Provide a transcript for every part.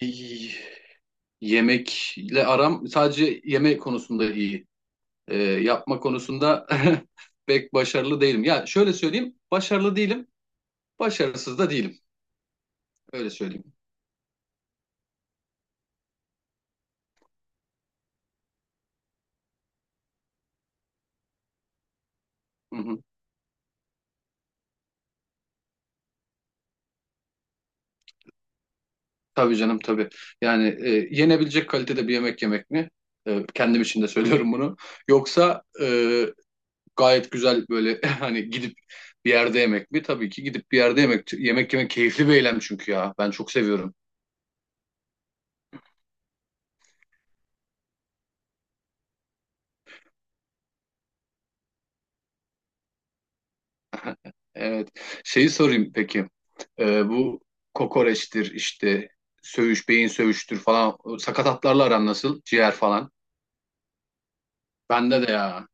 Y- Yemekle aram sadece yemek konusunda iyi. Yapma konusunda pek başarılı değilim. Ya şöyle söyleyeyim, başarılı değilim, başarısız da değilim. Öyle söyleyeyim. Hı hı. Tabii canım, tabii. Yani yenebilecek kalitede bir yemek yemek mi? Kendim için de söylüyorum bunu. Yoksa gayet güzel böyle hani gidip bir yerde yemek mi? Tabii ki gidip bir yerde yemek yemek yemek keyifli bir eylem çünkü ya. Ben çok seviyorum. Evet. Şeyi sorayım peki. Bu kokoreçtir işte, söğüş, beyin söğüştür falan. O sakatatlarla aran nasıl? Ciğer falan. Bende de ya.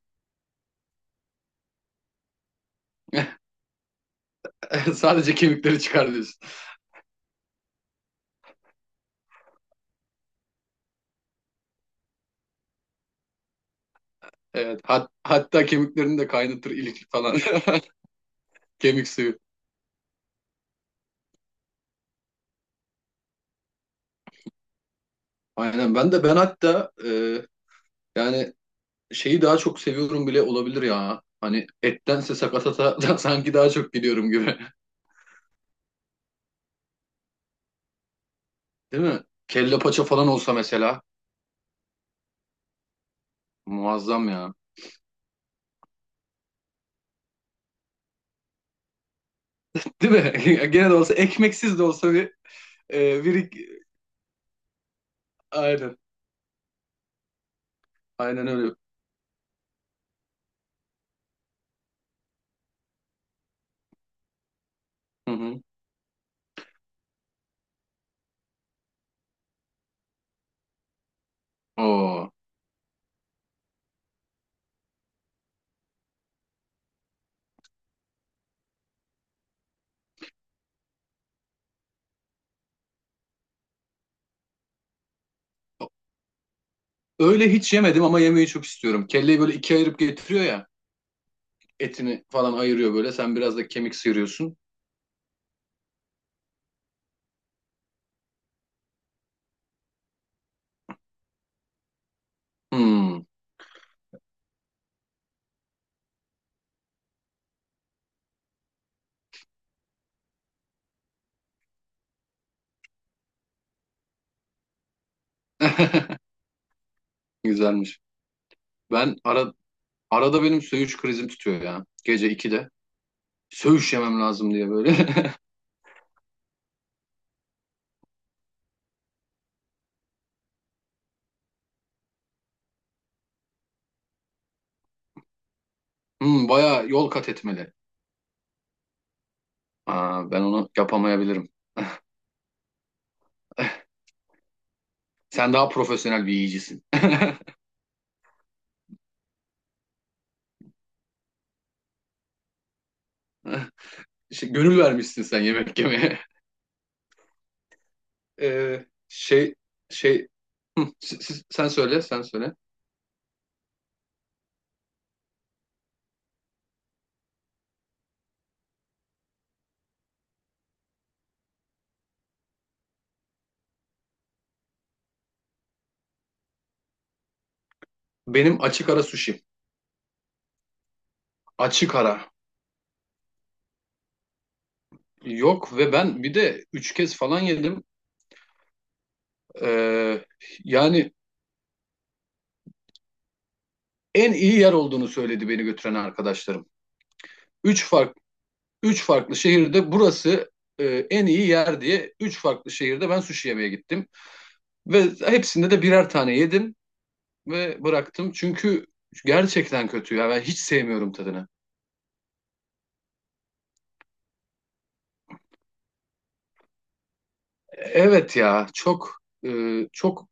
Sadece kemikleri çıkar diyorsun. Evet. Hatta kemiklerini de kaynatır, ilik falan. Kemik suyu. Aynen. Ben hatta yani şeyi daha çok seviyorum bile olabilir ya. Hani ettense sakatata da sanki daha çok gidiyorum gibi. Değil mi? Kelle paça falan olsa mesela. Muazzam ya. Değil mi? Gene de olsa, ekmeksiz de olsa bir e, bir aynen. Aynen öyle. Hı hı. Oo. Öyle hiç yemedim ama yemeyi çok istiyorum. Kelleyi böyle ikiye ayırıp getiriyor ya. Etini falan ayırıyor böyle. Sen biraz da kemik sıyırıyorsun. Hmm. Güzelmiş. Ben ara, Arada benim söğüş krizim tutuyor ya. Gece 2'de. Söğüş yemem lazım diye böyle. Hmm, bayağı yol kat etmeli. Aa, ben onu yapamayabilirim. Sen daha profesyonel bir yiyicisin. İşte gönül vermişsin sen yemek yemeye. Ee, şey şey Hı, sen söyle sen söyle. Benim açık ara sushi. Açık ara. Yok, ve ben bir de üç kez falan yedim. Ee, Yani en iyi yer olduğunu söyledi beni götüren arkadaşlarım. Üç farklı, Üç farklı şehirde, burası en iyi yer diye üç farklı şehirde ben sushi yemeye gittim. Ve hepsinde de birer tane yedim ve bıraktım. Çünkü gerçekten kötü ya, ben hiç sevmiyorum tadını. Evet ya çok e, çok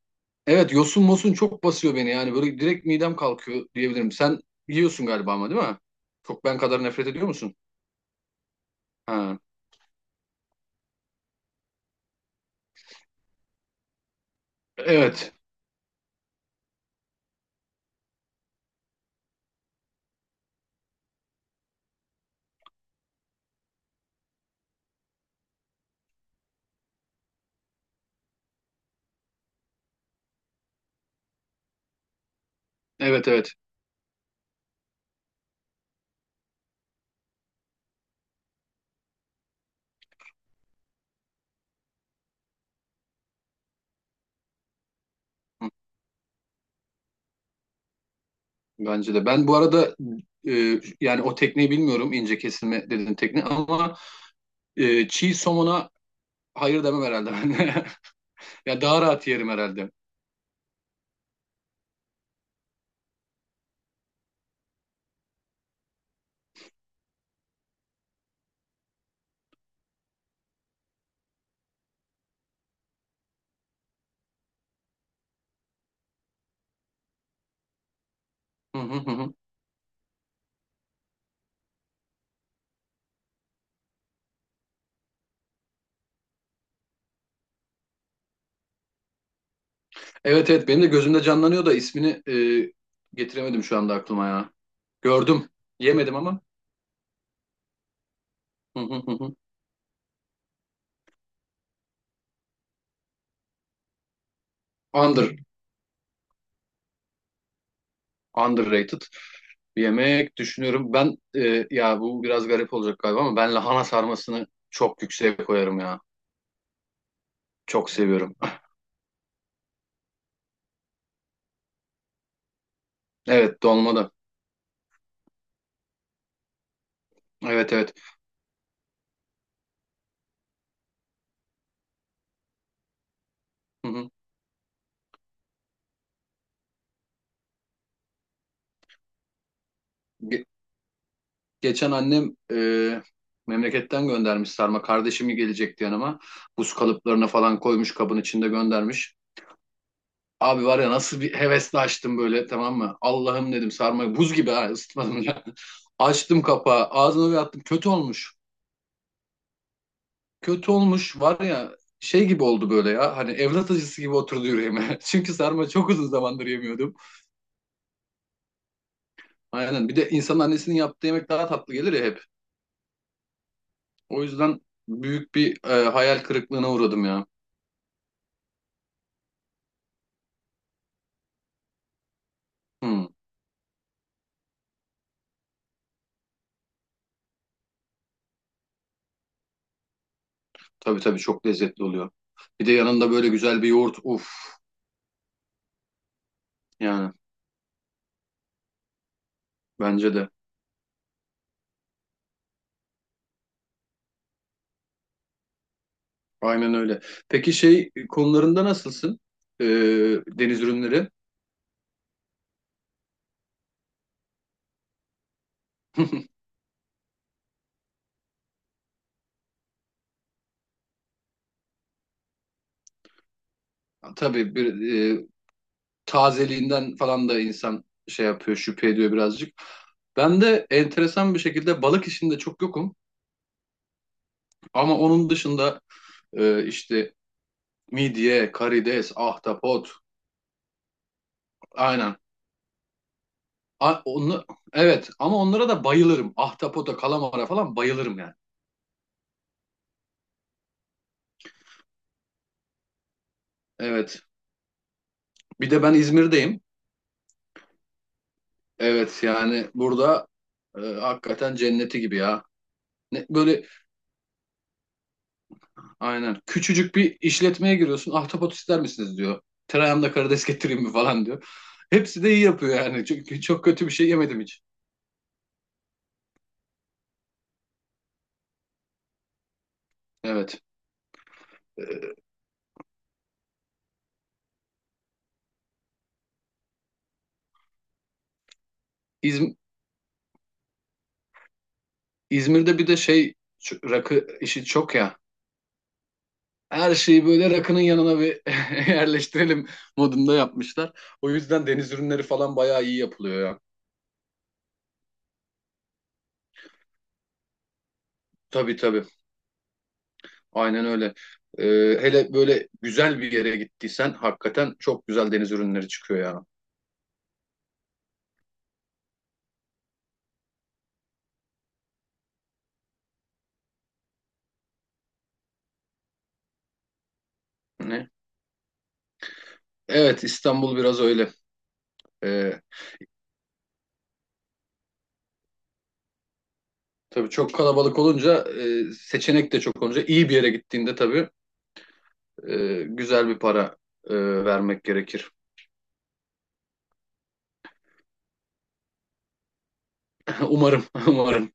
evet, yosun mosun çok basıyor beni, yani böyle direkt midem kalkıyor diyebilirim. Sen yiyorsun galiba, ama değil mi? Çok, ben kadar nefret ediyor musun? Ha. Evet. Evet, evet. Hı, bence de. Ben bu arada yani o tekniği bilmiyorum, ince kesilme dediğin tekniği, ama çiğ somona hayır demem herhalde ben. Ya daha rahat yerim herhalde. Hı hı hı, hı. Evet, evet, benim de gözümde canlanıyor da ismini e, getiremedim şu anda aklıma ya. Gördüm. Yemedim ama. Hı hı hı hı. Under, Underrated bir yemek düşünüyorum. Ben ya bu biraz garip olacak galiba ama ben lahana sarmasını çok yükseğe koyarım ya. Çok seviyorum. Evet, dolma da. Evet, evet. Hı hı. Ge- Geçen annem memleketten göndermiş sarma. Kardeşimi gelecekti yanıma. Buz kalıplarına falan koymuş, kabın içinde göndermiş. Abi var ya, nasıl bir hevesle açtım böyle, tamam mı? Allah'ım dedim, sarmayı buz gibi, ha, ısıtmadım ya. Açtım kapağı, ağzıma bir attım, kötü olmuş. Kötü olmuş var ya, şey gibi oldu böyle ya, hani evlat acısı gibi oturdu yüreğime. Çünkü sarma çok uzun zamandır yemiyordum. Aynen. Bir de insanın annesinin yaptığı yemek daha tatlı gelir ya hep. O yüzden büyük bir hayal kırıklığına uğradım ya. Hmm, tabii, tabii, çok lezzetli oluyor. Bir de yanında böyle güzel bir yoğurt, uf, yani, bence de aynen öyle. Peki şey konularında nasılsın? E, Deniz ürünleri? Tabii, e, tazeliğinden falan da insan şey yapıyor, şüphe ediyor birazcık. Ben de enteresan bir şekilde balık işinde çok yokum. Ama onun dışında işte midye, karides, ahtapot, aynen. A- onu, evet, ama onlara da bayılırım. Ahtapota, kalamara falan bayılırım yani. Evet. Bir de ben İzmir'deyim. Evet, yani burada hakikaten cenneti gibi ya. Ne, böyle aynen. Küçücük bir işletmeye giriyorsun. Ahtapot ister misiniz diyor. Tereyağımda karides getireyim mi falan diyor. Hepsi de iyi yapıyor yani. Çünkü çok kötü bir şey yemedim hiç. Evet. İzm- İzmir'de bir de şey, şu rakı işi çok ya. Her şeyi böyle rakının yanına bir yerleştirelim modunda yapmışlar. O yüzden deniz ürünleri falan bayağı iyi yapılıyor ya. Tabii, tabii. Aynen öyle. Ee, Hele böyle güzel bir yere gittiysen hakikaten çok güzel deniz ürünleri çıkıyor ya. Ne? Evet, İstanbul biraz öyle. Ee, Tabii çok kalabalık olunca, seçenek de çok olunca iyi bir yere gittiğinde tabii güzel bir para e, vermek gerekir. Umarım, umarım.